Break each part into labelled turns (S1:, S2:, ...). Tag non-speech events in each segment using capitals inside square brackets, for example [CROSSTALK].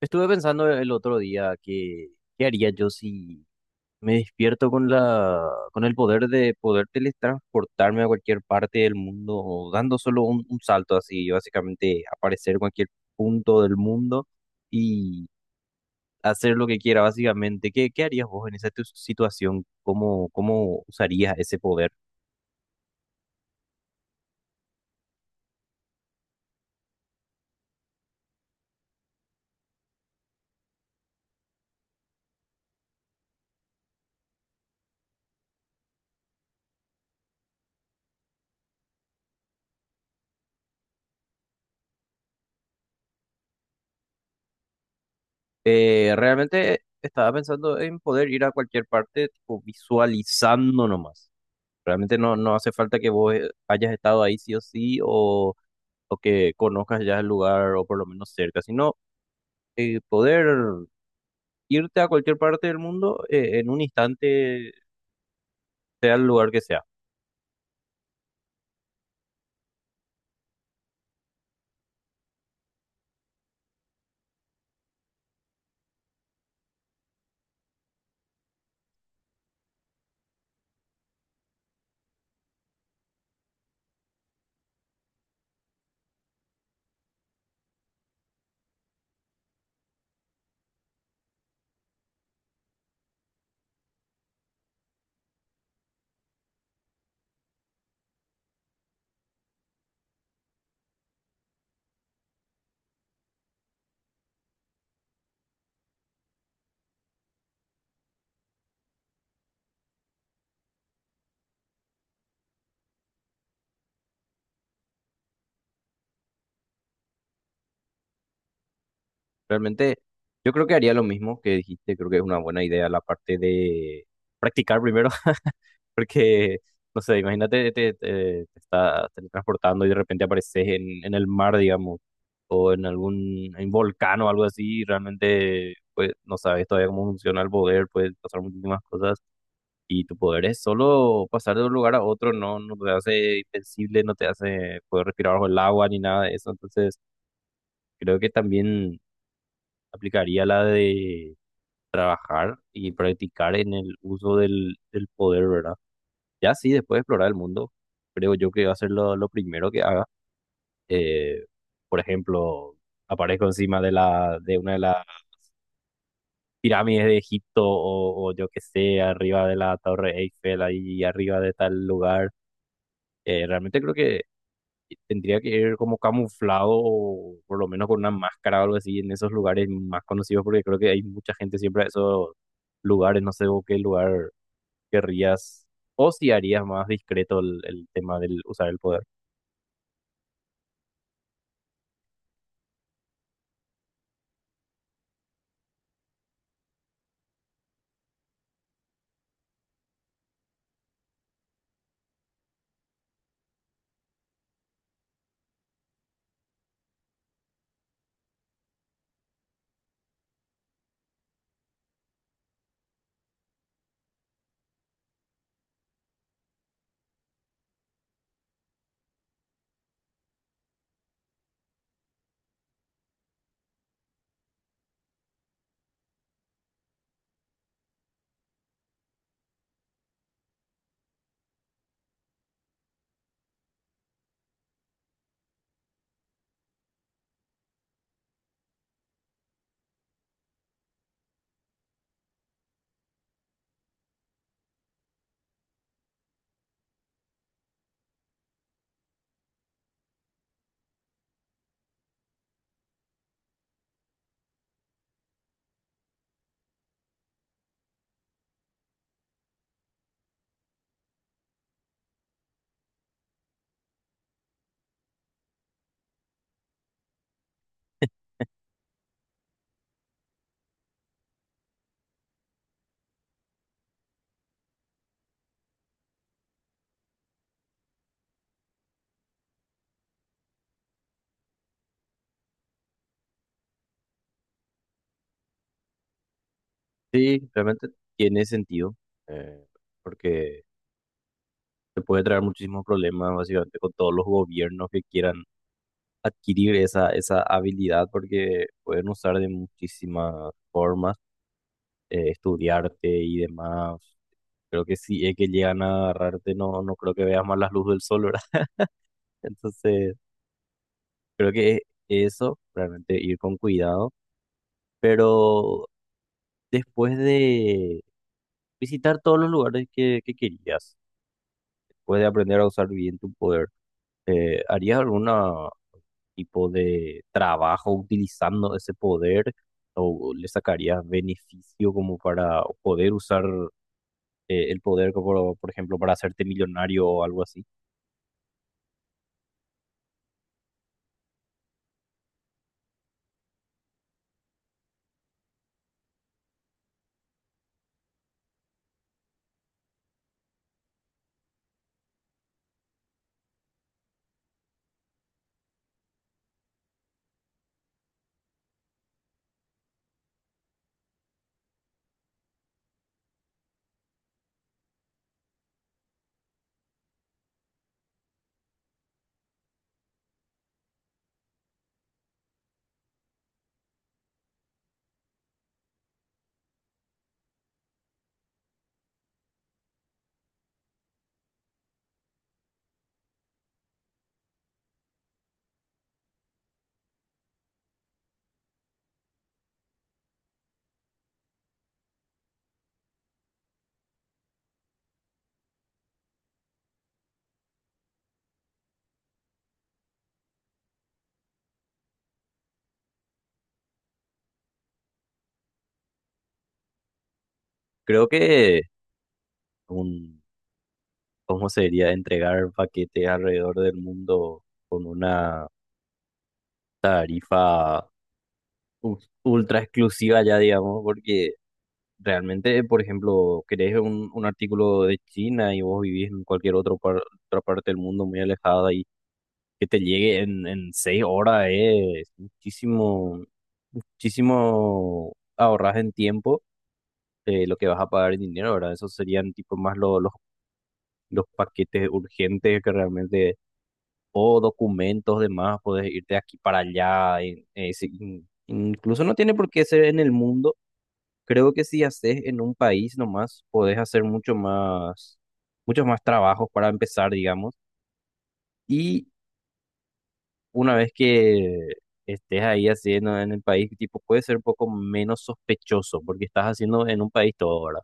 S1: Estuve pensando el otro día que qué haría yo si me despierto con la con el poder de poder teletransportarme a cualquier parte del mundo, dando solo un salto así, básicamente aparecer en cualquier punto del mundo y hacer lo que quiera, básicamente. ¿Qué harías vos en esa situación? ¿Cómo usarías ese poder? Realmente estaba pensando en poder ir a cualquier parte, tipo, visualizando nomás. Realmente no hace falta que vos hayas estado ahí sí o sí o que conozcas ya el lugar o por lo menos cerca, sino poder irte a cualquier parte del mundo en un instante, sea el lugar que sea. Realmente yo creo que haría lo mismo que dijiste, creo que es una buena idea la parte de practicar primero. Porque, no sé, imagínate, te estás teletransportando y de repente apareces en el mar, digamos, o en algún en volcán o algo así, y realmente, pues, no sabes todavía cómo funciona el poder, puedes pasar muchísimas cosas, y tu poder es solo pasar de un lugar a otro, no te hace invencible, no te hace poder respirar bajo el agua ni nada de eso, entonces creo que también aplicaría la de trabajar y practicar en el uso del poder, ¿verdad? Ya sí, después de explorar el mundo, creo yo que va a ser lo primero que haga. Eh, por ejemplo, aparezco encima de de una de las pirámides de Egipto o yo qué sé, arriba de la Torre Eiffel, ahí arriba de tal lugar. Realmente creo que tendría que ir como camuflado o por lo menos con una máscara o algo así en esos lugares más conocidos porque creo que hay mucha gente siempre a esos lugares, no sé vos qué lugar querrías o si harías más discreto el tema del usar el poder. Sí, realmente tiene sentido, eh, porque te puede traer muchísimos problemas básicamente con todos los gobiernos que quieran adquirir esa habilidad, porque pueden usar de muchísimas formas, estudiarte y demás. Creo que si es que llegan a agarrarte, no creo que veas más la luz del sol, ¿verdad? [LAUGHS] Entonces, creo que eso, realmente ir con cuidado, pero después de visitar todos los lugares que querías, puedes aprender a usar bien tu poder. ¿Harías algún tipo de trabajo utilizando ese poder o le sacarías beneficio como para poder usar el poder, como, por ejemplo, para hacerte millonario o algo así? Creo que un, ¿cómo sería entregar paquetes alrededor del mundo con una tarifa u- ultra exclusiva ya, digamos, porque... Realmente, por ejemplo, querés un artículo de China y vos vivís en cualquier otro otra parte del mundo muy alejada y que te llegue en 6 horas es muchísimo, muchísimo ahorras en tiempo lo que vas a pagar en dinero, ¿verdad? Esos serían tipo más los paquetes urgentes que realmente, o documentos demás, puedes irte de aquí para allá. Incluso no tiene por qué ser en el mundo. Creo que si haces en un país nomás, podés hacer mucho más, muchos más trabajos para empezar, digamos. Y una vez que estés ahí haciendo en el país, tipo, puede ser un poco menos sospechoso porque estás haciendo en un país todo, ¿verdad?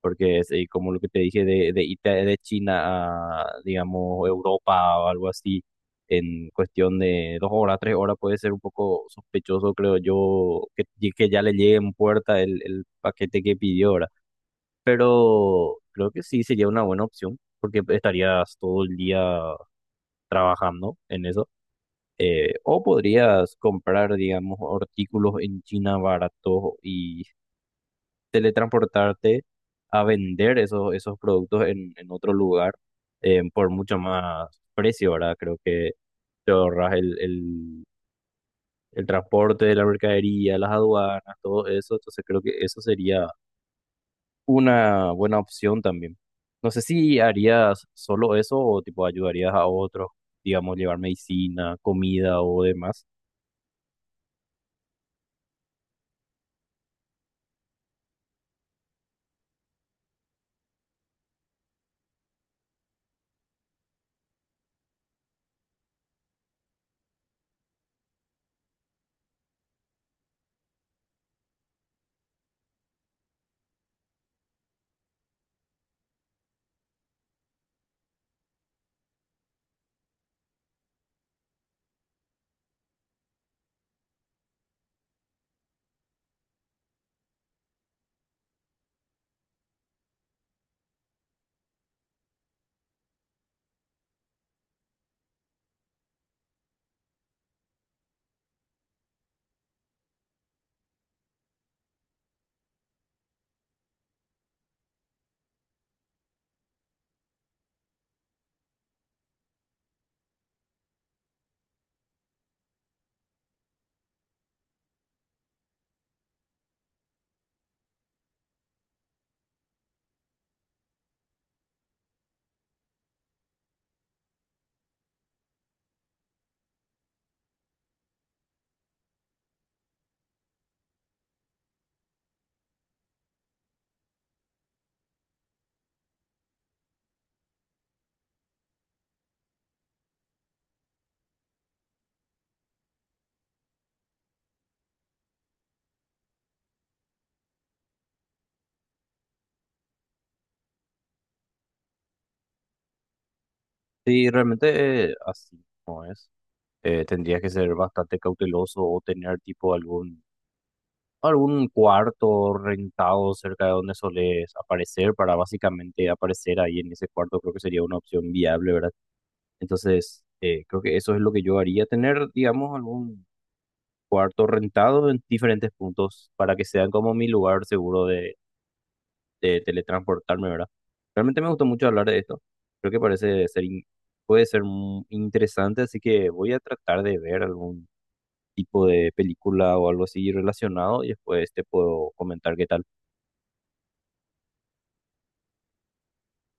S1: Porque es como lo que te dije de irte de China a, digamos, Europa o algo así, en cuestión de 2 horas, 3 horas, puede ser un poco sospechoso, creo yo, que ya le llegue en puerta el paquete que pidió, ¿verdad? Pero creo que sí sería una buena opción porque estarías todo el día trabajando en eso. O podrías comprar, digamos, artículos en China baratos y teletransportarte a vender esos productos en otro lugar por mucho más precio, ¿verdad? Creo que te ahorras el transporte de la mercadería, las aduanas, todo eso. Entonces creo que eso sería una buena opción también. No sé si harías solo eso o tipo ayudarías a otros, digamos, llevar medicina, comida o demás. Sí, realmente así no es. Tendrías que ser bastante cauteloso o tener tipo algún cuarto rentado cerca de donde soles aparecer para básicamente aparecer ahí en ese cuarto. Creo que sería una opción viable, ¿verdad? Entonces, creo que eso es lo que yo haría, tener, digamos, algún cuarto rentado en diferentes puntos para que sean como mi lugar seguro de teletransportarme, ¿verdad? Realmente me gustó mucho hablar de esto. Creo que parece ser, puede ser interesante, así que voy a tratar de ver algún tipo de película o algo así relacionado y después te puedo comentar qué tal.